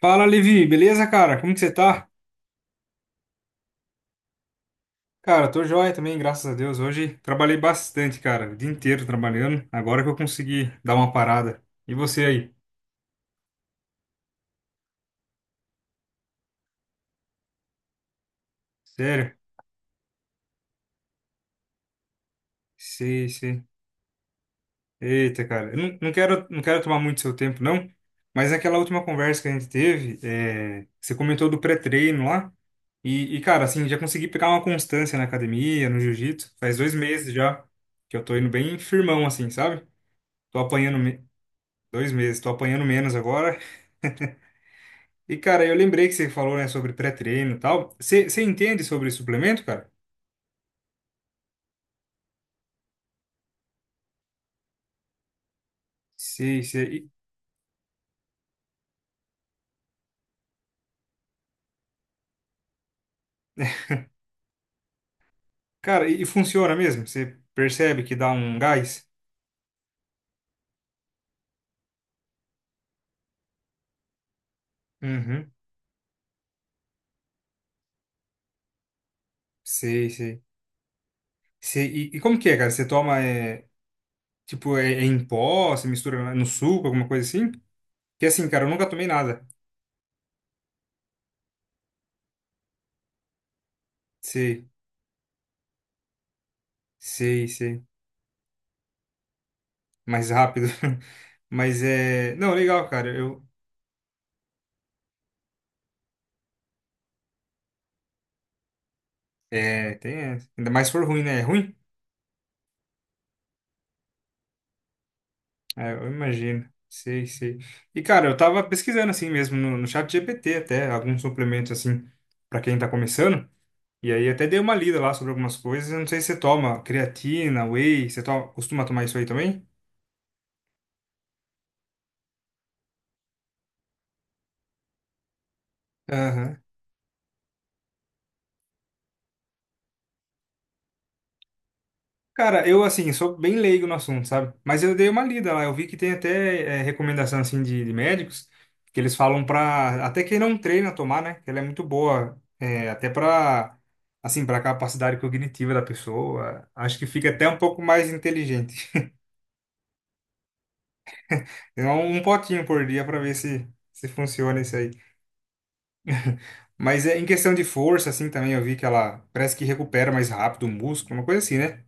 Fala, Levi, beleza, cara? Como que você tá? Cara, tô joia também, graças a Deus. Hoje trabalhei bastante, cara, o dia inteiro trabalhando. Agora que eu consegui dar uma parada. E você aí? Sério? Sei, sei. Eita, cara, eu não quero tomar muito seu tempo, não. Mas aquela última conversa que a gente teve, você comentou do pré-treino lá. Cara, assim, já consegui pegar uma constância na academia, no jiu-jitsu. Faz dois meses já que eu tô indo bem firmão, assim, sabe? Tô apanhando me- dois meses, tô apanhando menos agora. E, cara, eu lembrei que você falou, né, sobre pré-treino e tal. Você entende sobre suplemento, cara? Sim, sim. E, cara, e funciona mesmo? Você percebe que dá um gás? Uhum. Sei, sei. Sei, e como que é, cara? Você toma, tipo, é em pó? Você mistura no suco, alguma coisa assim? Porque assim, cara, eu nunca tomei nada. Sei, sei, sei. Mais rápido. Mas é... Não, legal, cara. Eu... É, tem... Ainda mais se for ruim, né? É ruim? É, eu imagino. Sei, sei. E, cara, eu tava pesquisando assim mesmo no, no chat GPT até, alguns suplementos assim, pra quem tá começando. E aí até dei uma lida lá sobre algumas coisas. Eu não sei se você toma creatina, whey, você toma, costuma tomar isso aí também? Cara, eu assim, sou bem leigo no assunto, sabe? Mas eu dei uma lida lá, eu vi que tem até recomendação assim de médicos que eles falam pra até quem não treina tomar, né? Que ela é muito boa, é, até pra assim, para capacidade cognitiva da pessoa. Acho que fica até um pouco mais inteligente. Então, um potinho por dia pra ver se se funciona isso aí. Mas é em questão de força assim também, eu vi que ela parece que recupera mais rápido o músculo, uma coisa assim, né?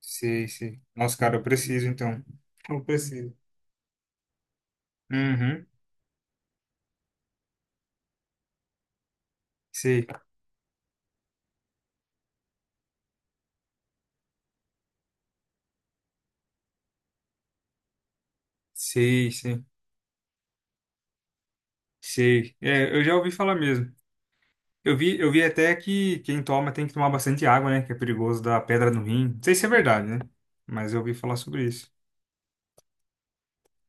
Sei, sei. Nossa, cara, eu preciso então. Eu preciso. Uhum. Sei, sei, sei, sei. É, eu já ouvi falar mesmo. Eu vi até que quem toma tem que tomar bastante água, né? Que é perigoso dar pedra no rim. Não sei se é verdade, né? Mas eu ouvi falar sobre isso.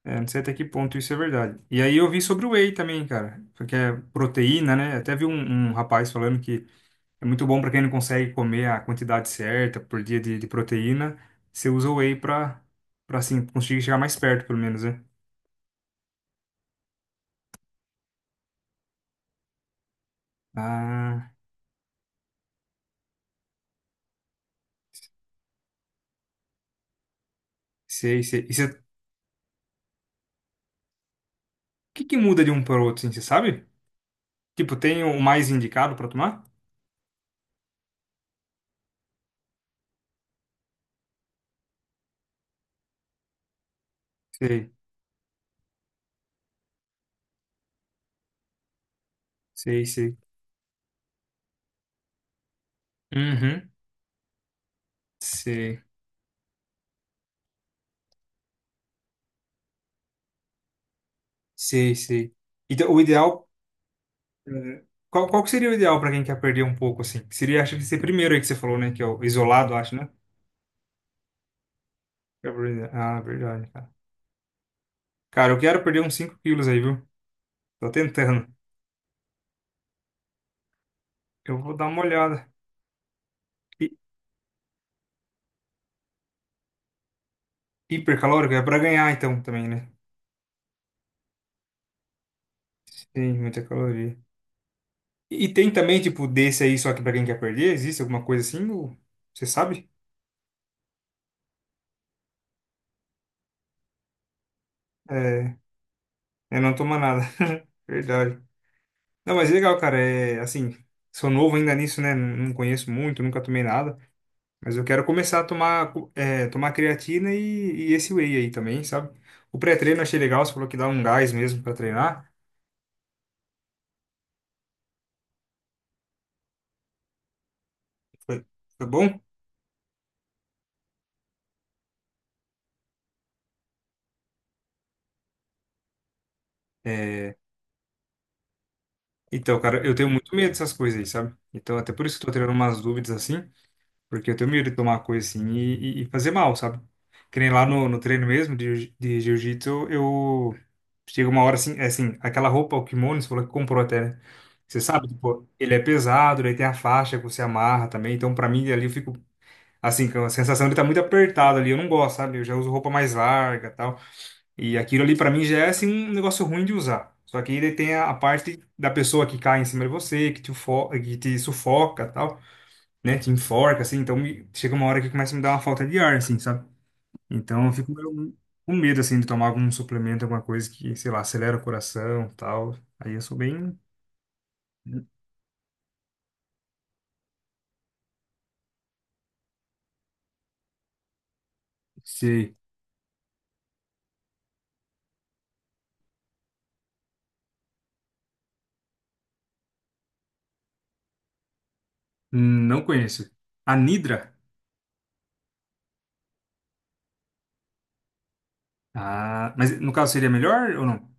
É, não sei até que ponto isso é verdade. E aí eu vi sobre o whey também, cara, porque é proteína, né? Até vi um, um rapaz falando que é muito bom para quem não consegue comer a quantidade certa por dia de proteína. Você usa o whey para para assim conseguir chegar mais perto, pelo menos, né? Ah, sei, sei. Que muda de um para o outro, assim, você sabe? Tipo, tem o mais indicado para tomar? Sei, sei, sei. Uhum. Sei, sei, sei. Então, o ideal. eh, Qual, qual que seria o ideal para quem quer perder um pouco, assim? Seria, acho que ser primeiro aí que você falou, né? Que é o isolado, acho, né? Que é o primeiro. Ah, verdade, cara. Cara, eu quero perder uns 5 quilos aí, viu? Tô tentando. Eu vou dar uma olhada. Hi- Hipercalórico é para ganhar, então, também, né? Tem muita caloria. E tem também, tipo, desse aí, só que para quem quer perder, existe alguma coisa assim? Ou você sabe? É, eu não toma nada. Verdade. Não, mas é legal, cara. É assim, sou novo ainda nisso, né? Não conheço muito, nunca tomei nada. Mas eu quero começar a tomar, co- é, tomar creatina e esse whey aí também, sabe? O pré-treino eu achei legal, você falou que dá um gás mesmo pra treinar. Foi, foi bom? Então, cara, eu tenho muito medo dessas coisas aí, sabe? Então, até por isso que eu tô tirando umas dúvidas assim. Porque eu tenho medo de tomar uma coisa assim e fazer mal, sabe? Que nem lá no, no treino mesmo de jiu-jitsu, eu chega uma hora assim, é assim, aquela roupa, o kimono, você falou que comprou até, né? Você sabe, tipo, ele é pesado, daí tem a faixa que você amarra também. Então, pra mim, ali eu fico, assim, com a sensação de estar muito apertado ali. Eu não gosto, sabe? Eu já uso roupa mais larga e tal. E aquilo ali, pra mim, já é, assim, um negócio ruim de usar. Só que ele tem a parte da pessoa que cai em cima de você, que te, ufo- que te sufoca e tal, né, te enforca, assim, então me- chega uma hora que começa a me dar uma falta de ar, assim, sabe? Então eu fico meio com medo, assim, de tomar algum suplemento, alguma coisa que, sei lá, acelera o coração, tal. Aí eu sou bem, sei, não conheço. Anidra? Ah, mas no caso seria melhor ou não?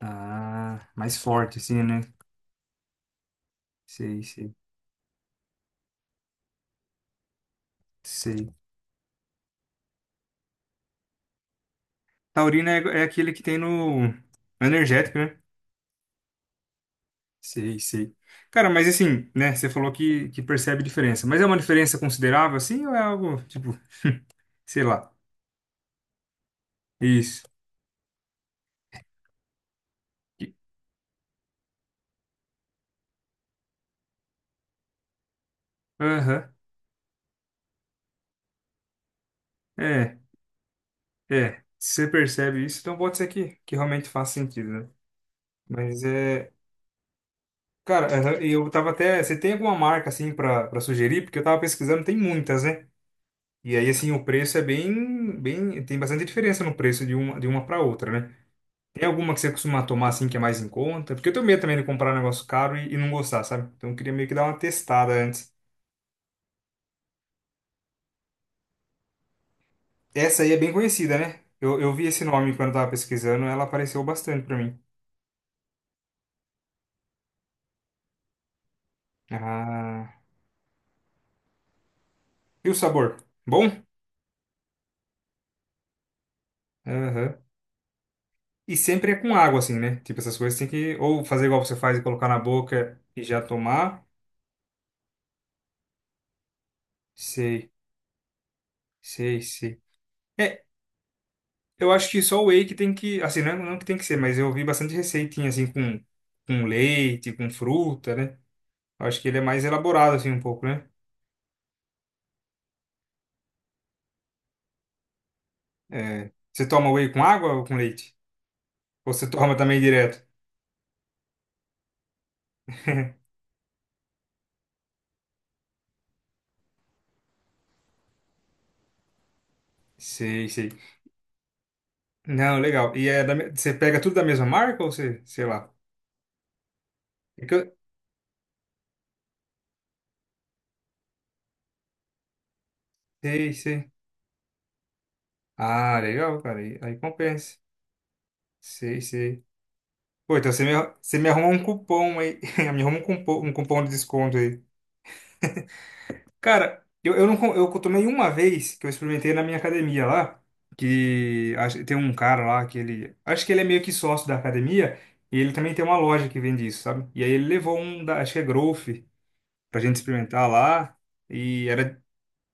Ah, mais forte, assim, né? Sei, sei, sei. Taurina é, é aquele que tem no energético, né? Sei, sei. Cara, mas assim, né? Você falou que percebe diferença, mas é uma diferença considerável, assim, ou é algo tipo sei lá. Isso. Aham. É, é. Se você percebe isso, então pode ser que realmente faz sentido, né? Mas é. Cara, aham, e eu tava até. Você tem alguma marca assim pra, pra sugerir? Porque eu tava pesquisando, tem muitas, né? E aí, assim, o preço é bem, bem. Tem bastante diferença no preço de uma pra outra, né? Tem alguma que você costuma tomar assim que é mais em conta? Porque eu tenho medo também de comprar um negócio caro e não gostar, sabe? Então eu queria meio que dar uma testada antes. Essa aí é bem conhecida, né? Eu vi esse nome quando eu tava pesquisando, ela apareceu bastante pra mim. Ah. E o sabor? Bom? Aham. E sempre é com água, assim, né? Tipo, essas coisas tem que ou fazer igual você faz e colocar na boca e já tomar. Sei, sei, sei. É, eu acho que só o whey que tem que, assim, não, é, não é que tem que ser, mas eu vi bastante receitinha, assim, com leite, com fruta, né? Eu acho que ele é mais elaborado, assim, um pouco, né? É. Você toma whey com água ou com leite? Ou você toma também direto? Sei, sei. Não, legal. E é da, me- você pega tudo da mesma marca ou você, sei lá? É que eu- Sei, sei. Ah, legal, cara. Aí, aí compensa. Sei, sei. Pô, então você me arruma um cupom aí. Me arruma um cupom de desconto aí. Cara, eu não com- eu tomei uma vez que eu experimentei na minha academia lá, que acho- tem um cara lá que ele. Acho que ele é meio que sócio da academia, e ele também tem uma loja que vende isso, sabe? E aí ele levou um da, acho que é Growth, pra gente experimentar lá. E era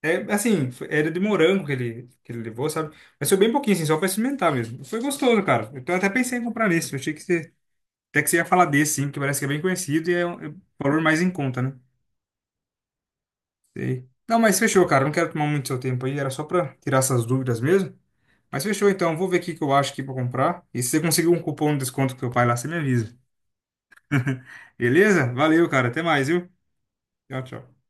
é, assim, foi- era de morango que ele levou, sabe? Mas foi bem pouquinho, assim, só pra experimentar mesmo. Foi gostoso, cara. Então eu até pensei em comprar nesse. Eu achei que você, até que você ia falar desse, sim, que parece que é bem conhecido e é um valor mais em conta, né? Sei. Não, mas fechou, cara. Não quero tomar muito seu tempo aí. Era só pra tirar essas dúvidas mesmo. Mas fechou, então. Vou ver o que que eu acho aqui pra comprar. E se você conseguir um cupom de desconto com seu pai lá, você me avisa. Beleza? Valeu, cara. Até mais, viu? Tchau, tchau.